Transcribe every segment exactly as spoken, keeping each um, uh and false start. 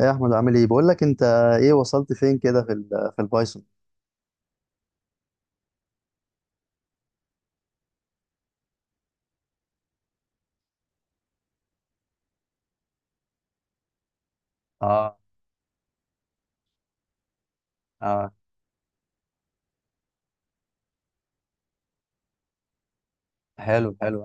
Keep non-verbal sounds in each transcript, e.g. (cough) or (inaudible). ايه يا احمد عامل ايه؟ بقول لك انت، ايه وصلت فين كده في ال في البايثون اه، اه، حلو حلو.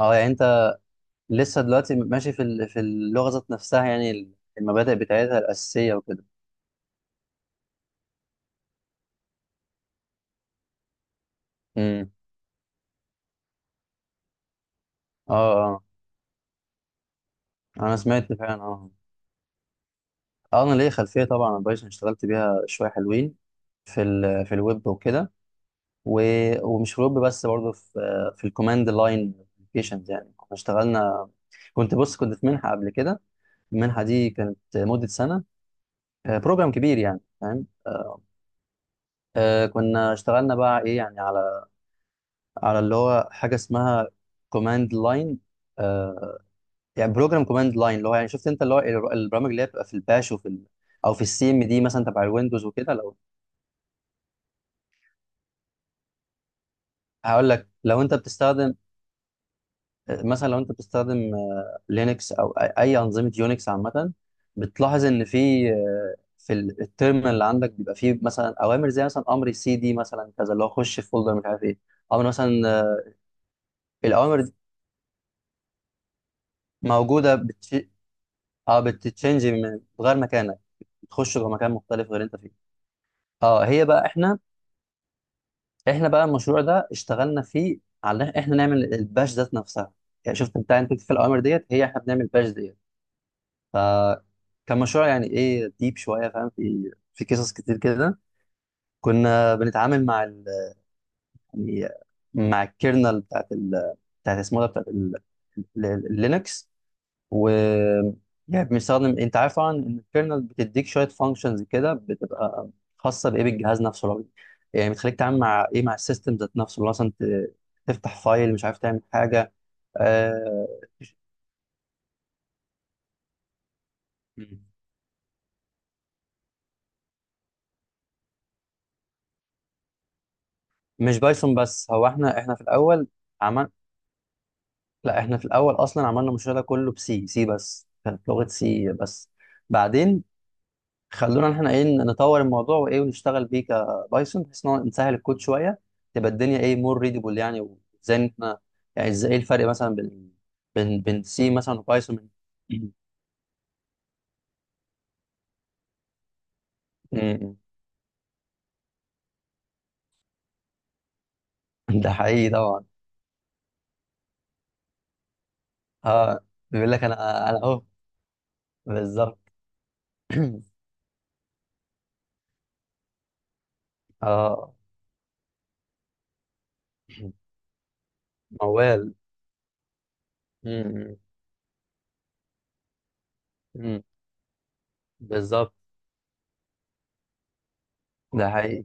اه، يعني انت لسه دلوقتي ماشي في ال- في اللغه ذات نفسها يعني المبادئ بتاعتها الاساسيه وكده؟ امم اه، اه، انا سمعت فعلا. اه، اه، انا ليا خلفيه طبعا عن بايثون، اشتغلت بيها شويه حلوين في ال في الويب وكده، و- ومش في الويب بس، برضه في في الكوماند لاين ابلكيشنز. يعني كنا اشتغلنا، كنت بص كنت في منحه قبل كده. المنحه دي كانت مده سنه. آه، بروجرام كبير يعني، فاهم؟ آه، آه، كنا اشتغلنا بقى ايه يعني، على على اللي هو حاجه اسمها كوماند لاين. يعني بروجرام كوماند لاين، اللي هو يعني شفت انت اللي هو الر- البرامج اللي هي بتبقى في الباش وفي ال... او في السي ام دي مثلا تبع الويندوز وكده. لو هقول لك لو انت بتستخدم، آه، مثلا لو انت بتستخدم، آه، لينكس او اي أي انظمه يونكس عامه، بتلاحظ ان في آه، في ال- التيرمينال اللي عندك بيبقى فيه مثلا اوامر، زي مثلا امر سي دي مثلا كذا، اللي هو خش في فولدر مش عارف ايه. امر مثلا آه، الاوامر موجوده بتشي... اه بتتشنج من غير مكانك، بتخش جوه مكان مختلف غير انت فيه. اه، هي بقى احنا، احنا بقى المشروع ده اشتغلنا فيه على إن احنا نعمل الباش ذات نفسها. يعني شفت بتاع انت في الاوامر ديت، هي احنا بنعمل باش ديت. ف كان مشروع يعني ايه، ديب شويه فاهم، في في قصص كتير كده. كنا بنتعامل مع ال... يعني مع الكيرنل بتاعت ال... بتاعت اسمه ده بتاعت ال- ال- اللينكس. و يعني بنستخدم، انت عارف طبعا ان الكيرنل بتديك شويه فانكشنز كده، بتبقى خاصه بايه، بالجهاز نفسه الراجل. يعني بتخليك تعمل مع ايه، مع السيستم ذات نفسه، اللي هو مثلا ت- تفتح فايل، مش عارف تعمل حاجه. آه. مم. مش بايثون بس، هو احنا، احنا في الاول عمل، لا احنا في الاول اصلا عملنا المشروع ده كله بسي، سي بس، كانت لغه سي بس. بعدين خلونا احنا ايه، نطور الموضوع وايه، ونشتغل بيه كبايثون، بحيث ان هو نسهل الكود شويه، تبقى الدنيا ايه، مور ريدبل يعني. وازاي إن احنا يعني، ازاي إيه الفرق مثلا بين بين بين سي مثلا وبايثون؟ م- م- م. ده حقيقي طبعا. اه، بيقول لك انا انا اهو، بالظبط. (clears throat) اه موال. م- م- م. بالظبط، ده حقيقي.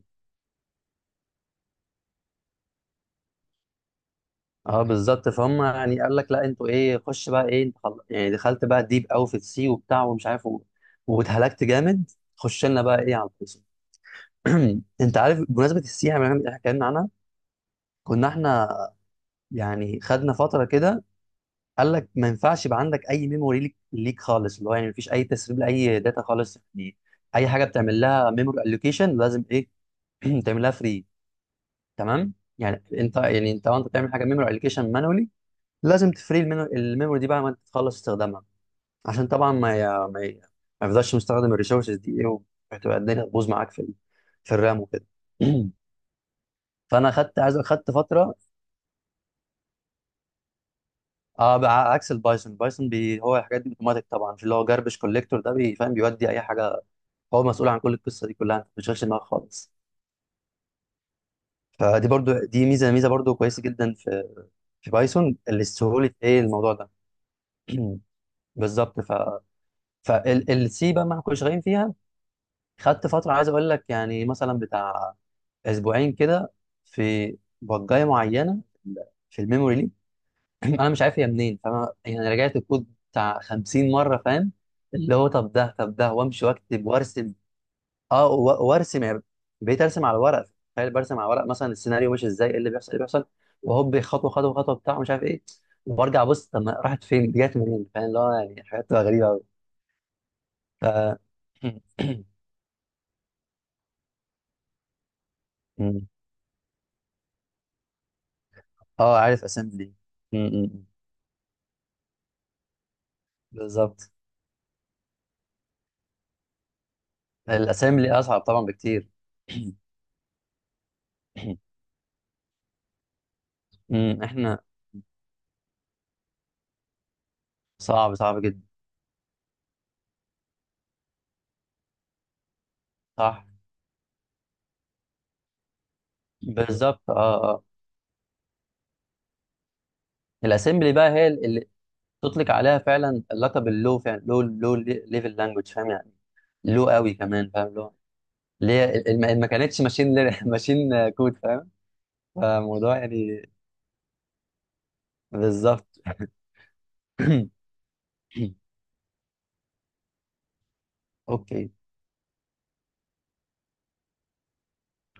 اه بالظبط، فهم يعني قال لك لا انتوا ايه، خش بقى ايه انت، خل... يعني دخلت بقى ديب قوي في السي وبتاع ومش عارف و... واتهلكت جامد، خش لنا بقى ايه على القصه. (clears throat) انت عارف، بمناسبه السي، احنا إحنا اتكلمنا عنها. كنا احنا يعني خدنا فتره كده، قال لك ما ينفعش يبقى عندك اي ميموري ليك، ليك خالص، اللي هو يعني مفيش اي تسريب لاي داتا خالص يعني. اي حاجه بتعمل لها ميموري الوكيشن لازم ايه (clears throat) تعملها فري. تمام. يعني انت، يعني انت وانت بتعمل حاجه ميموري الوكيشن مانولي، لازم تفري المينو- الميموري دي بعد ما انت تخلص استخدامها. عشان طبعا ما ي... ما, ي... ما يفضلش مستخدم الريسورسز دي ايه، وهتبقى الدنيا تبوظ معاك في ال... في الرام وكده. (clears throat) فانا خدت، عايز خدت فتره. اه بع- عكس البايثون، البايثون بي... هو الحاجات دي اوتوماتيك طبعا، في اللي هو جاربش كوليكتور ده، بيفهم بيودي اي حاجه، هو مسؤول عن كل القصه دي كلها، انت ما بتشغلش دماغك خالص. فدي برضو، دي ميزه، ميزه برضو كويسه جدا في في بايثون، اللي سهوله ايه الموضوع ده. (clears throat) بالظبط. ف فالسي بقى ما كناش شغالين فيها، خدت فترة عايز أقول لك يعني مثلا بتاع أسبوعين كده في بجاية معينة في الميموري ليك. (clears throat) أنا مش عارف هي منين، فأنا يعني رجعت الكود بتاع خمسين مرة، فاهم؟ اللي هو طب ده، طب ده، وأمشي وأكتب وأرسم. أه، و- وأرسم يعني. بقيت أرسم على ورق، تخيل، برسم على ورق مثلا السيناريو ماشي إزاي، إيه اللي بيحصل إيه اللي بيحصل. وهوب، خطوة خطوة خطوة بتاع مش عارف إيه. وبرجع أبص طب ما راحت فين دي، جت منين، فاهم؟ اللي هو يعني حاجات بتبقى غريبة أوي. ف (clears throat) أه، عارف أسامبلي، بالظبط. الاسامي اللي اصعب طبعا بكتير. (clears throat) أمم، احنا، صعب صعب جدا. صح، بالظبط، اه اه. الاسامبلي بقى هي اللي تطلق عليها فعلا اللقب اللو، فعلا لو لو ليفل لانجوج، فاهم يعني؟ لو قوي كمان، فاهم؟ لو اللي هي ال- الم- ما كانتش ماشين (laughs) لير- ماشين كود، (laughs) فاهم؟ فالموضوع يعني، بالظبط. (clears throat) (coughs) اوكي.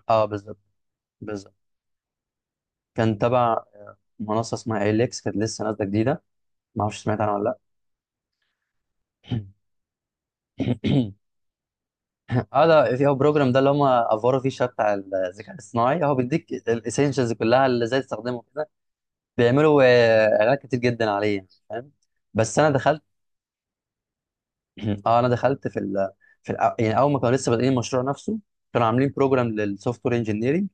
اه، بالظبط بالظبط. كان تبع منصه اسمها اليكس، كانت لسه نازله جديده، ما اعرفش سمعت عنها ولا. لا. (clears throat) (coughs) (coughs) اه، ده في، هو البروجرام ده اللي هم افوروا فيه شويه بتاع الذكاء الاصطناعي، هو بيديك الاسينشالز كلها، اللي ازاي تستخدمه كده. بيعملوا آه، اعلانات كتير جدا عليه يعني، فاهم؟ بس انا دخلت. (coughs) (clears throat) اه، انا دخلت في ال في الأ- يعني اول ما كانوا لسه بادئين المشروع نفسه، كانوا عاملين بروجرام للسوفت وير انجينيرنج،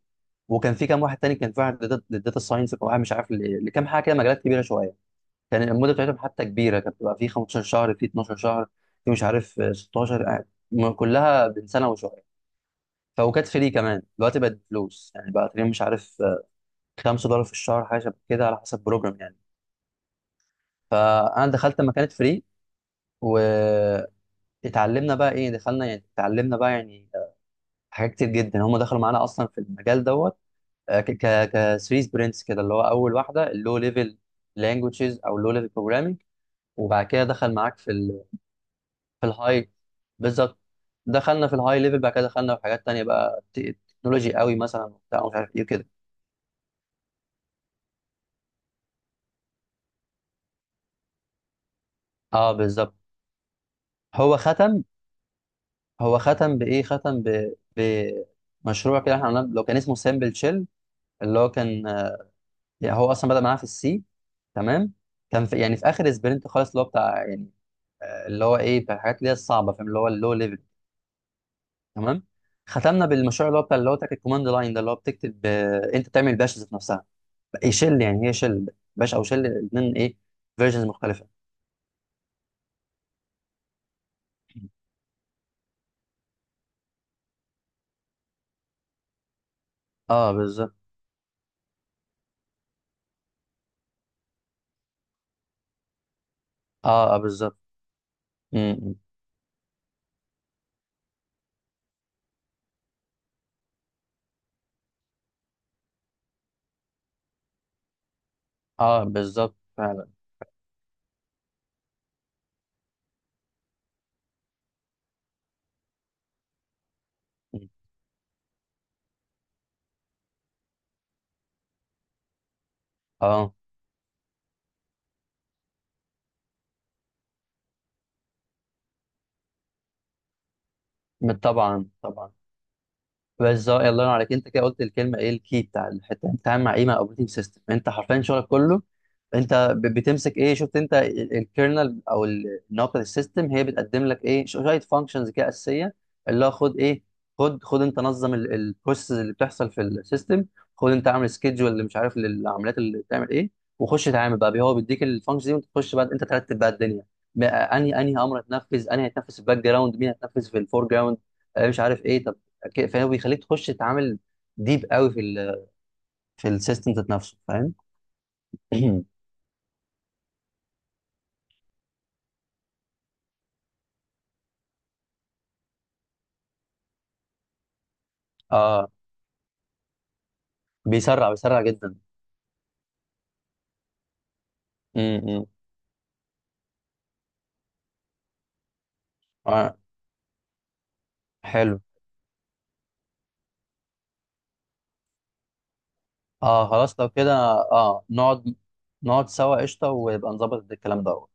وكان في كام واحد تاني، كان في واحد للداتا ساينس، وكان واحد مش عارف ل- لكام حاجه كده، مجالات كبيره شويه. كان المده بتاعتهم حتى كبيره، كانت بتبقى في خمستاشر شهر، في اتناشر شهر، في مش عارف آه، ستة عشر آه، م- كلها بين سنه وشويه. فوكات فري كمان، دلوقتي بقت فلوس يعني، بقى تقريبا مش عارف آه، خمسة دولار في الشهر، حاجه شبه كده على حسب بروجرام يعني. فانا دخلت لما كانت فري، واتعلمنا بقى ايه، دخلنا يعني اتعلمنا بقى يعني آه، حاجات كتير جدا. هم دخلوا معانا اصلا في المجال دوت، آه، ك ك ثلاث سبرنتس كده، اللي هو اول واحده اللو ليفل لانجوجز او اللو ليفل بروجرامينج. وبعد كده دخل معاك في ال في الهاي، بالظبط، دخلنا في الهاي ليفل. بعد كده دخلنا في حاجات تانية بقى ت- تكنولوجي قوي مثلا وبتاع ومش عارف ايه كده. اه بالظبط. هو ختم، هو ختم بايه، ختم ب... بمشروع كده احنا عملناه لو كان اسمه سامبل تشيل، اللي هو كان آه، يعني هو اصلا بدأ معانا في السي. تمام. كان في يعني في اخر سبرنت خالص، اللي هو بتاع يعني آه، اللي هو ايه، بتاع الحاجات اللي هي الصعبه فاهم، اللي هو اللو ليفل. تمام. ختمنا بالمشروع اللي هو بتاع، اللي هو بتاع الكوماند لاين ده، اللي هو بتكتب آه، انت بتعمل باش ذات نفسها. ايه شيل يعني، هي شيل، باش او شيل، الاثنين ايه فيرجنز مختلفه. اه بالظبط. اه اه بالظبط. م- م. اه بالظبط فعلا. م. اه طبعا طبعا. بالظبط، الله ينور عليك، انت كده قلت الكلمه ايه، الكي بتاع الحته، انت بتتعامل مع ايه، مع اوبريتنج سيستم، انت حرفيا شغلك كله انت ب- بتمسك ايه، شفت انت، الكيرنل او النقطه السيستم هي بتقدم لك ايه، ش- شويه فانكشنز كده اساسيه، اللي هو خد ايه، خد خد انت نظم البروسيس اللي بتحصل في السيستم، خد انت اعمل سكيدجول اللي مش عارف للعمليات اللي بتعمل ايه، وخش اتعامل بقى بيه. هو بيديك الفانكشن دي، وانت تخش بقى انت ترتب بقى الدنيا، بقى انهي، انهي امر هتنفذ، انهي هتنفذ في الباك جراوند، مين هتنفذ في الفور جراوند، آه، مش عارف ايه. طب ك- فهو بيخليك تخش تتعامل ديب قوي في ال في السيستم ذات نفسه، فاهم؟ (clears throat) اه، بيسرع، بيسرع جدا. امم آه. حلو. اه خلاص لو كده، اه نقعد، نقعد سوا قشطه، ويبقى نظبط الكلام ده.